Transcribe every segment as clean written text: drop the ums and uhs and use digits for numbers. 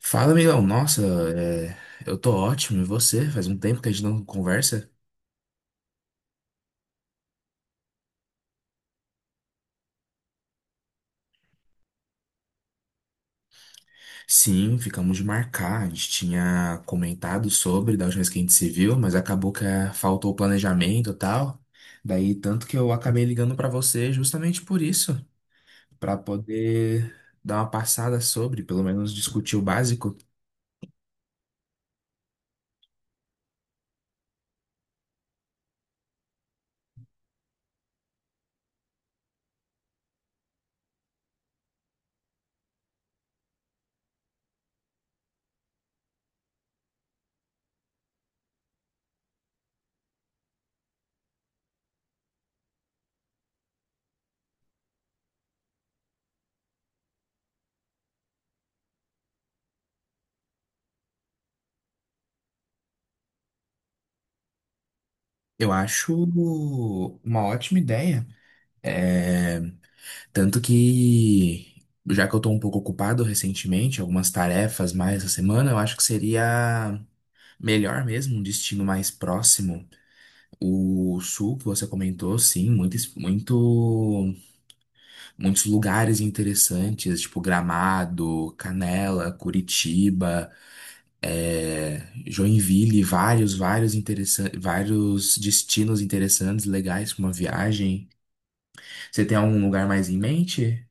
Fala, amigão. Nossa, é, eu tô ótimo. E você? Faz um tempo que a gente não conversa? Sim, ficamos de marcar. A gente tinha comentado sobre da última vez que a gente se viu, mas acabou que faltou o planejamento e tal. Daí, tanto que eu acabei ligando pra você justamente por isso, pra poder dar uma passada sobre, pelo menos discutir o básico. Eu acho uma ótima ideia. É, Tanto que, já que eu tô um pouco ocupado recentemente, algumas tarefas mais essa semana, eu acho que seria melhor mesmo, um destino mais próximo. O sul que você comentou, sim, muitos lugares interessantes, tipo Gramado, Canela, Curitiba, é, Joinville, vários interessantes, vários destinos interessantes, legais para uma viagem. Você tem algum lugar mais em mente?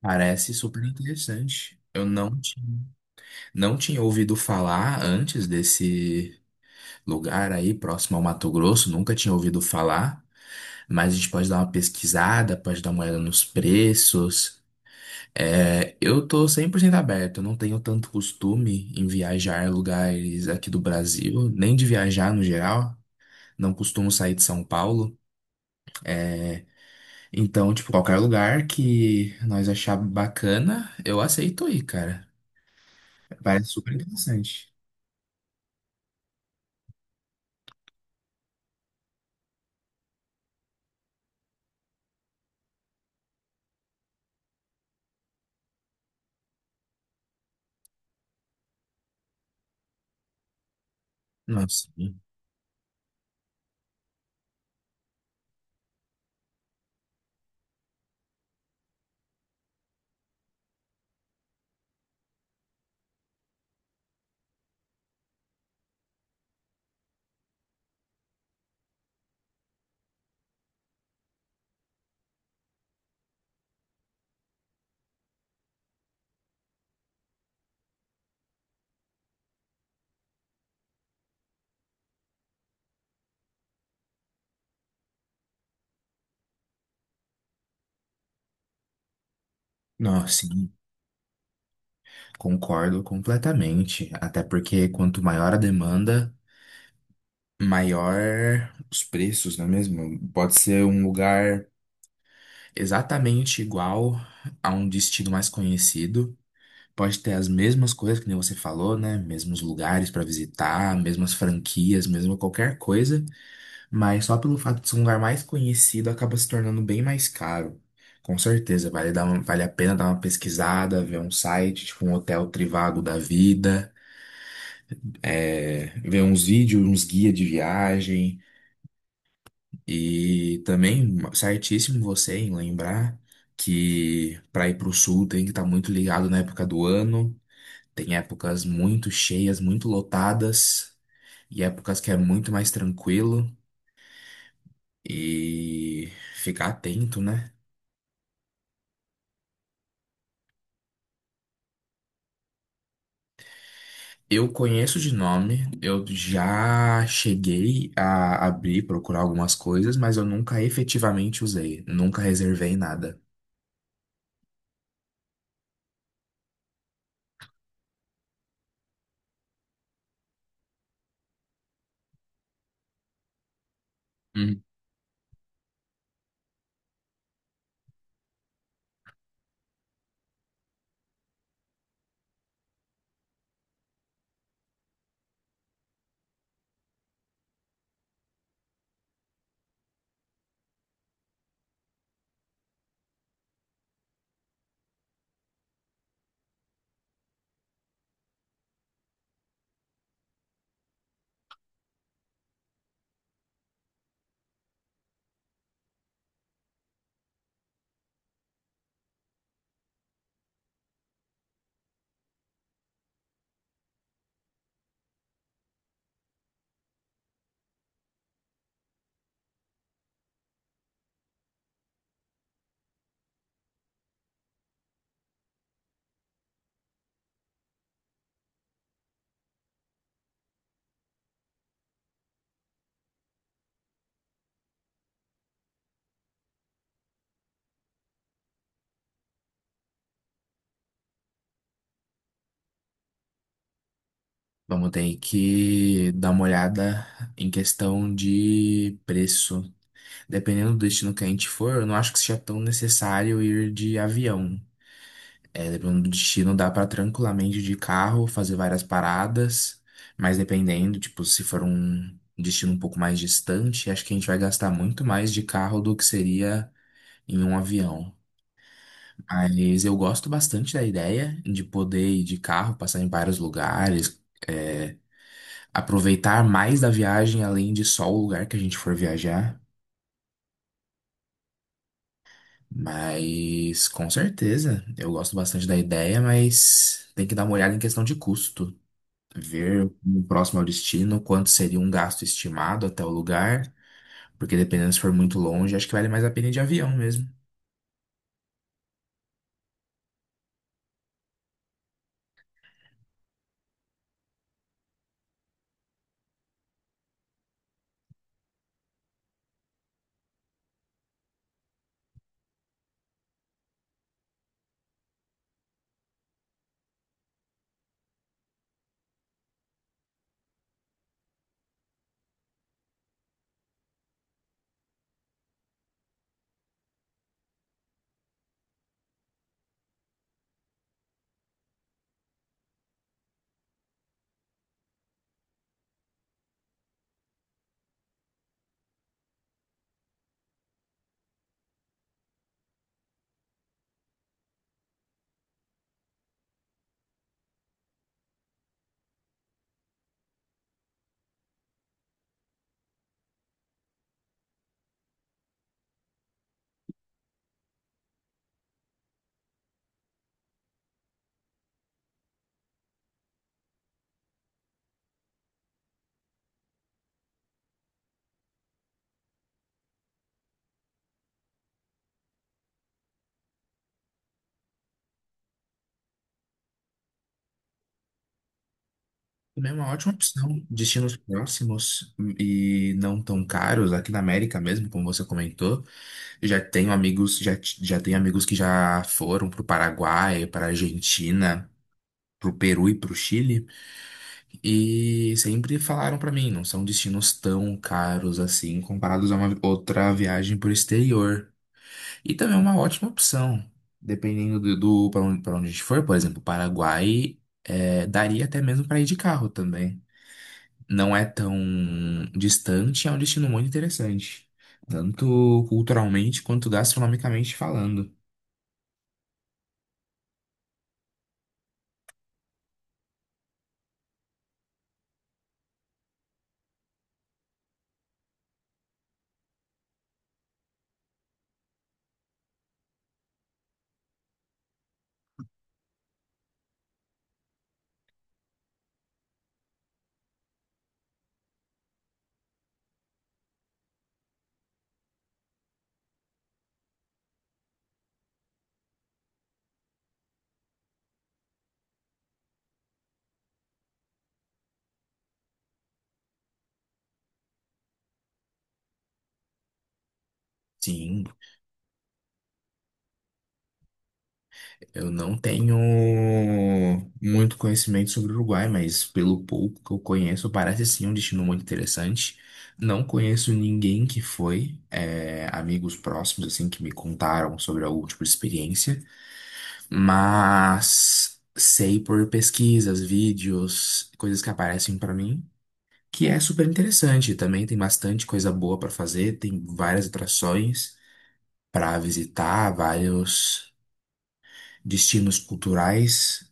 Parece super interessante. Eu não tinha, não tinha ouvido falar antes desse lugar aí, próximo ao Mato Grosso, nunca tinha ouvido falar, mas a gente pode dar uma pesquisada, pode dar uma olhada nos preços. Eu tô 100% aberto, eu não tenho tanto costume em viajar a lugares aqui do Brasil, nem de viajar no geral, não costumo sair de São Paulo. Então, tipo, qualquer lugar que nós achar bacana, eu aceito ir, cara. Parece super interessante. Não, sim. Não, sim. Concordo completamente. Até porque quanto maior a demanda, maior os preços, não é mesmo? Pode ser um lugar exatamente igual a um destino mais conhecido. Pode ter as mesmas coisas que nem você falou, né? Mesmos lugares para visitar, mesmas franquias, mesmo qualquer coisa. Mas só pelo fato de ser um lugar mais conhecido, acaba se tornando bem mais caro. Com certeza, vale a pena dar uma pesquisada, ver um site, tipo um hotel Trivago da vida, ver uns vídeos, uns guia de viagem. E também, certíssimo você em lembrar que para ir para o sul tem que estar muito ligado na época do ano. Tem épocas muito cheias, muito lotadas, e épocas que é muito mais tranquilo. E ficar atento, né? Eu conheço de nome, eu já cheguei a abrir, procurar algumas coisas, mas eu nunca efetivamente usei, nunca reservei nada. Hum. Vamos ter que dar uma olhada em questão de preço. Dependendo do destino que a gente for, eu não acho que seja tão necessário ir de avião. Dependendo do destino, dá pra tranquilamente de carro fazer várias paradas, mas dependendo, tipo, se for um destino um pouco mais distante, acho que a gente vai gastar muito mais de carro do que seria em um avião. Mas eu gosto bastante da ideia de poder ir de carro, passar em vários lugares, é, aproveitar mais da viagem além de só o lugar que a gente for viajar. Mas com certeza, eu gosto bastante da ideia, mas tem que dar uma olhada em questão de custo. Ver como próximo ao destino, quanto seria um gasto estimado até o lugar, porque dependendo se for muito longe, acho que vale mais a pena ir de avião mesmo. Também é uma ótima opção. Destinos próximos e não tão caros, aqui na América mesmo, como você comentou. Eu já tenho amigos, já, t- já tenho amigos que já foram para o Paraguai, para a Argentina. Pro Peru e pro Chile, e sempre falaram para mim, não são destinos tão caros assim comparados a uma outra viagem por exterior. E também é uma ótima opção, dependendo do, do para onde a gente for, por exemplo, Paraguai, daria até mesmo para ir de carro também. Não é tão distante, é um destino muito interessante, tanto culturalmente quanto gastronomicamente falando. Sim. Eu não tenho muito conhecimento sobre o Uruguai, mas pelo pouco que eu conheço, parece sim um destino muito interessante. Não conheço ninguém que foi, amigos próximos, assim, que me contaram sobre algum tipo de experiência, mas sei por pesquisas, vídeos, coisas que aparecem pra mim, que é super interessante. Também tem bastante coisa boa pra fazer, tem várias atrações pra visitar, vários destinos culturais.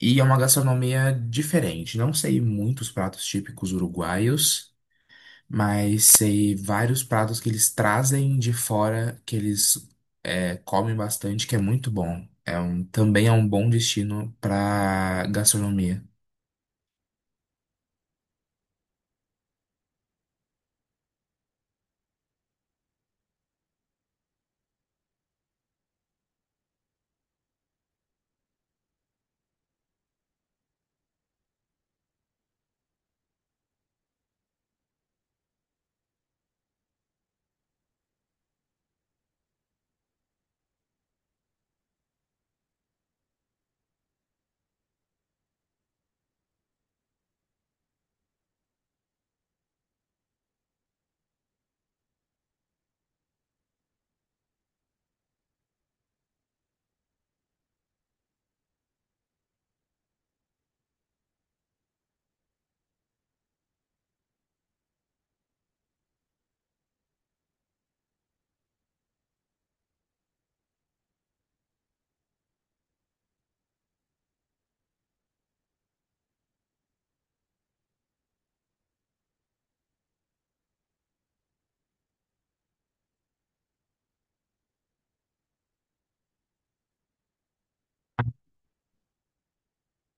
E é uma gastronomia diferente. Não sei muitos pratos típicos uruguaios, mas sei vários pratos que eles trazem de fora, que eles comem bastante, que é muito bom. É um, também é um bom destino para gastronomia.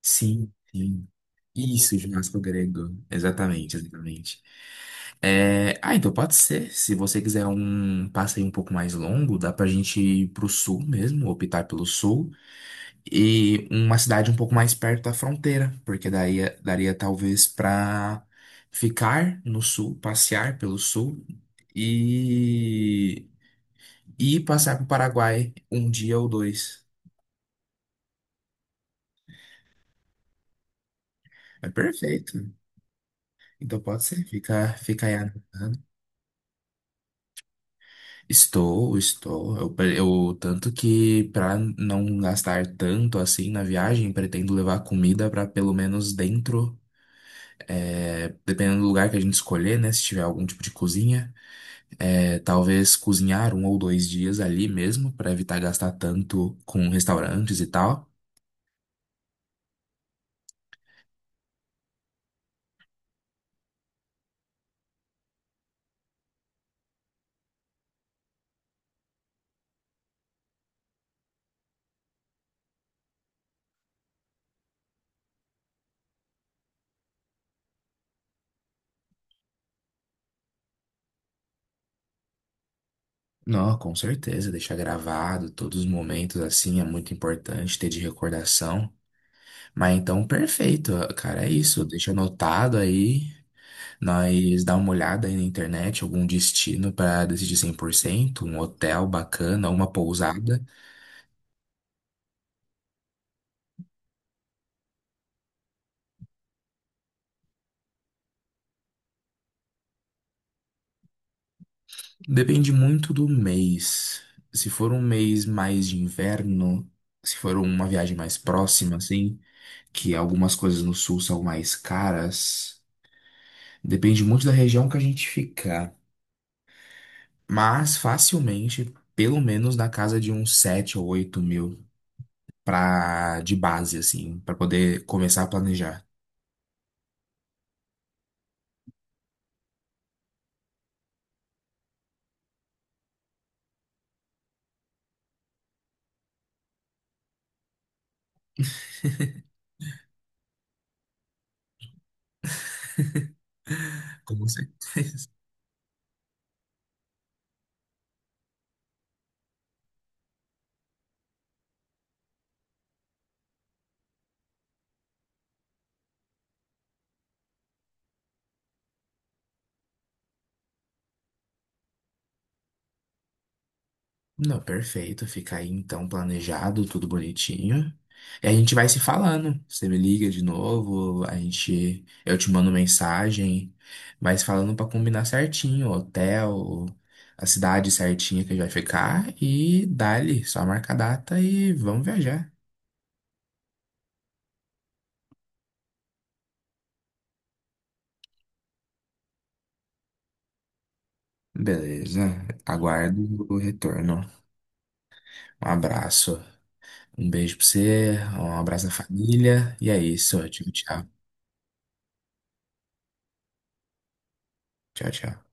Sim, sim. Isso, churrasco grego. Exatamente, exatamente. Ah, então pode ser. Se você quiser um passeio um pouco mais longo, dá pra gente ir pro sul mesmo, optar pelo sul. E uma cidade um pouco mais perto da fronteira, porque daí daria talvez para ficar no sul, passear pelo sul e e passar para o Paraguai um dia ou dois. É perfeito. Então pode ser, fica, fica aí. Estou, estou. Tanto que para não gastar tanto assim na viagem, pretendo levar comida para pelo menos dentro, dependendo do lugar que a gente escolher, né? Se tiver algum tipo de cozinha. Talvez cozinhar um ou dois dias ali mesmo, para evitar gastar tanto com restaurantes e tal. Não, com certeza, deixar gravado todos os momentos assim é muito importante ter de recordação. Mas então, perfeito, cara, é isso. Deixa anotado aí. Nós dá uma olhada aí na internet, algum destino para decidir 100% um hotel bacana, uma pousada. Depende muito do mês. Se for um mês mais de inverno, se for uma viagem mais próxima, assim, que algumas coisas no sul são mais caras, depende muito da região que a gente ficar. Mas facilmente, pelo menos na casa de uns 7 ou 8 mil pra, de base, assim, para poder começar a planejar. Como você. Não, perfeito. Fica aí então planejado, tudo bonitinho. E a gente vai se falando. Você me liga de novo, a gente, eu te mando mensagem, mas falando pra combinar certinho, o hotel, a cidade certinha que a gente vai ficar e dali, só marca a data e vamos viajar. Beleza. Aguardo o retorno. Um abraço. Um beijo pra você, um abraço à família. E é isso. Tchau, tchau. Tchau, tchau.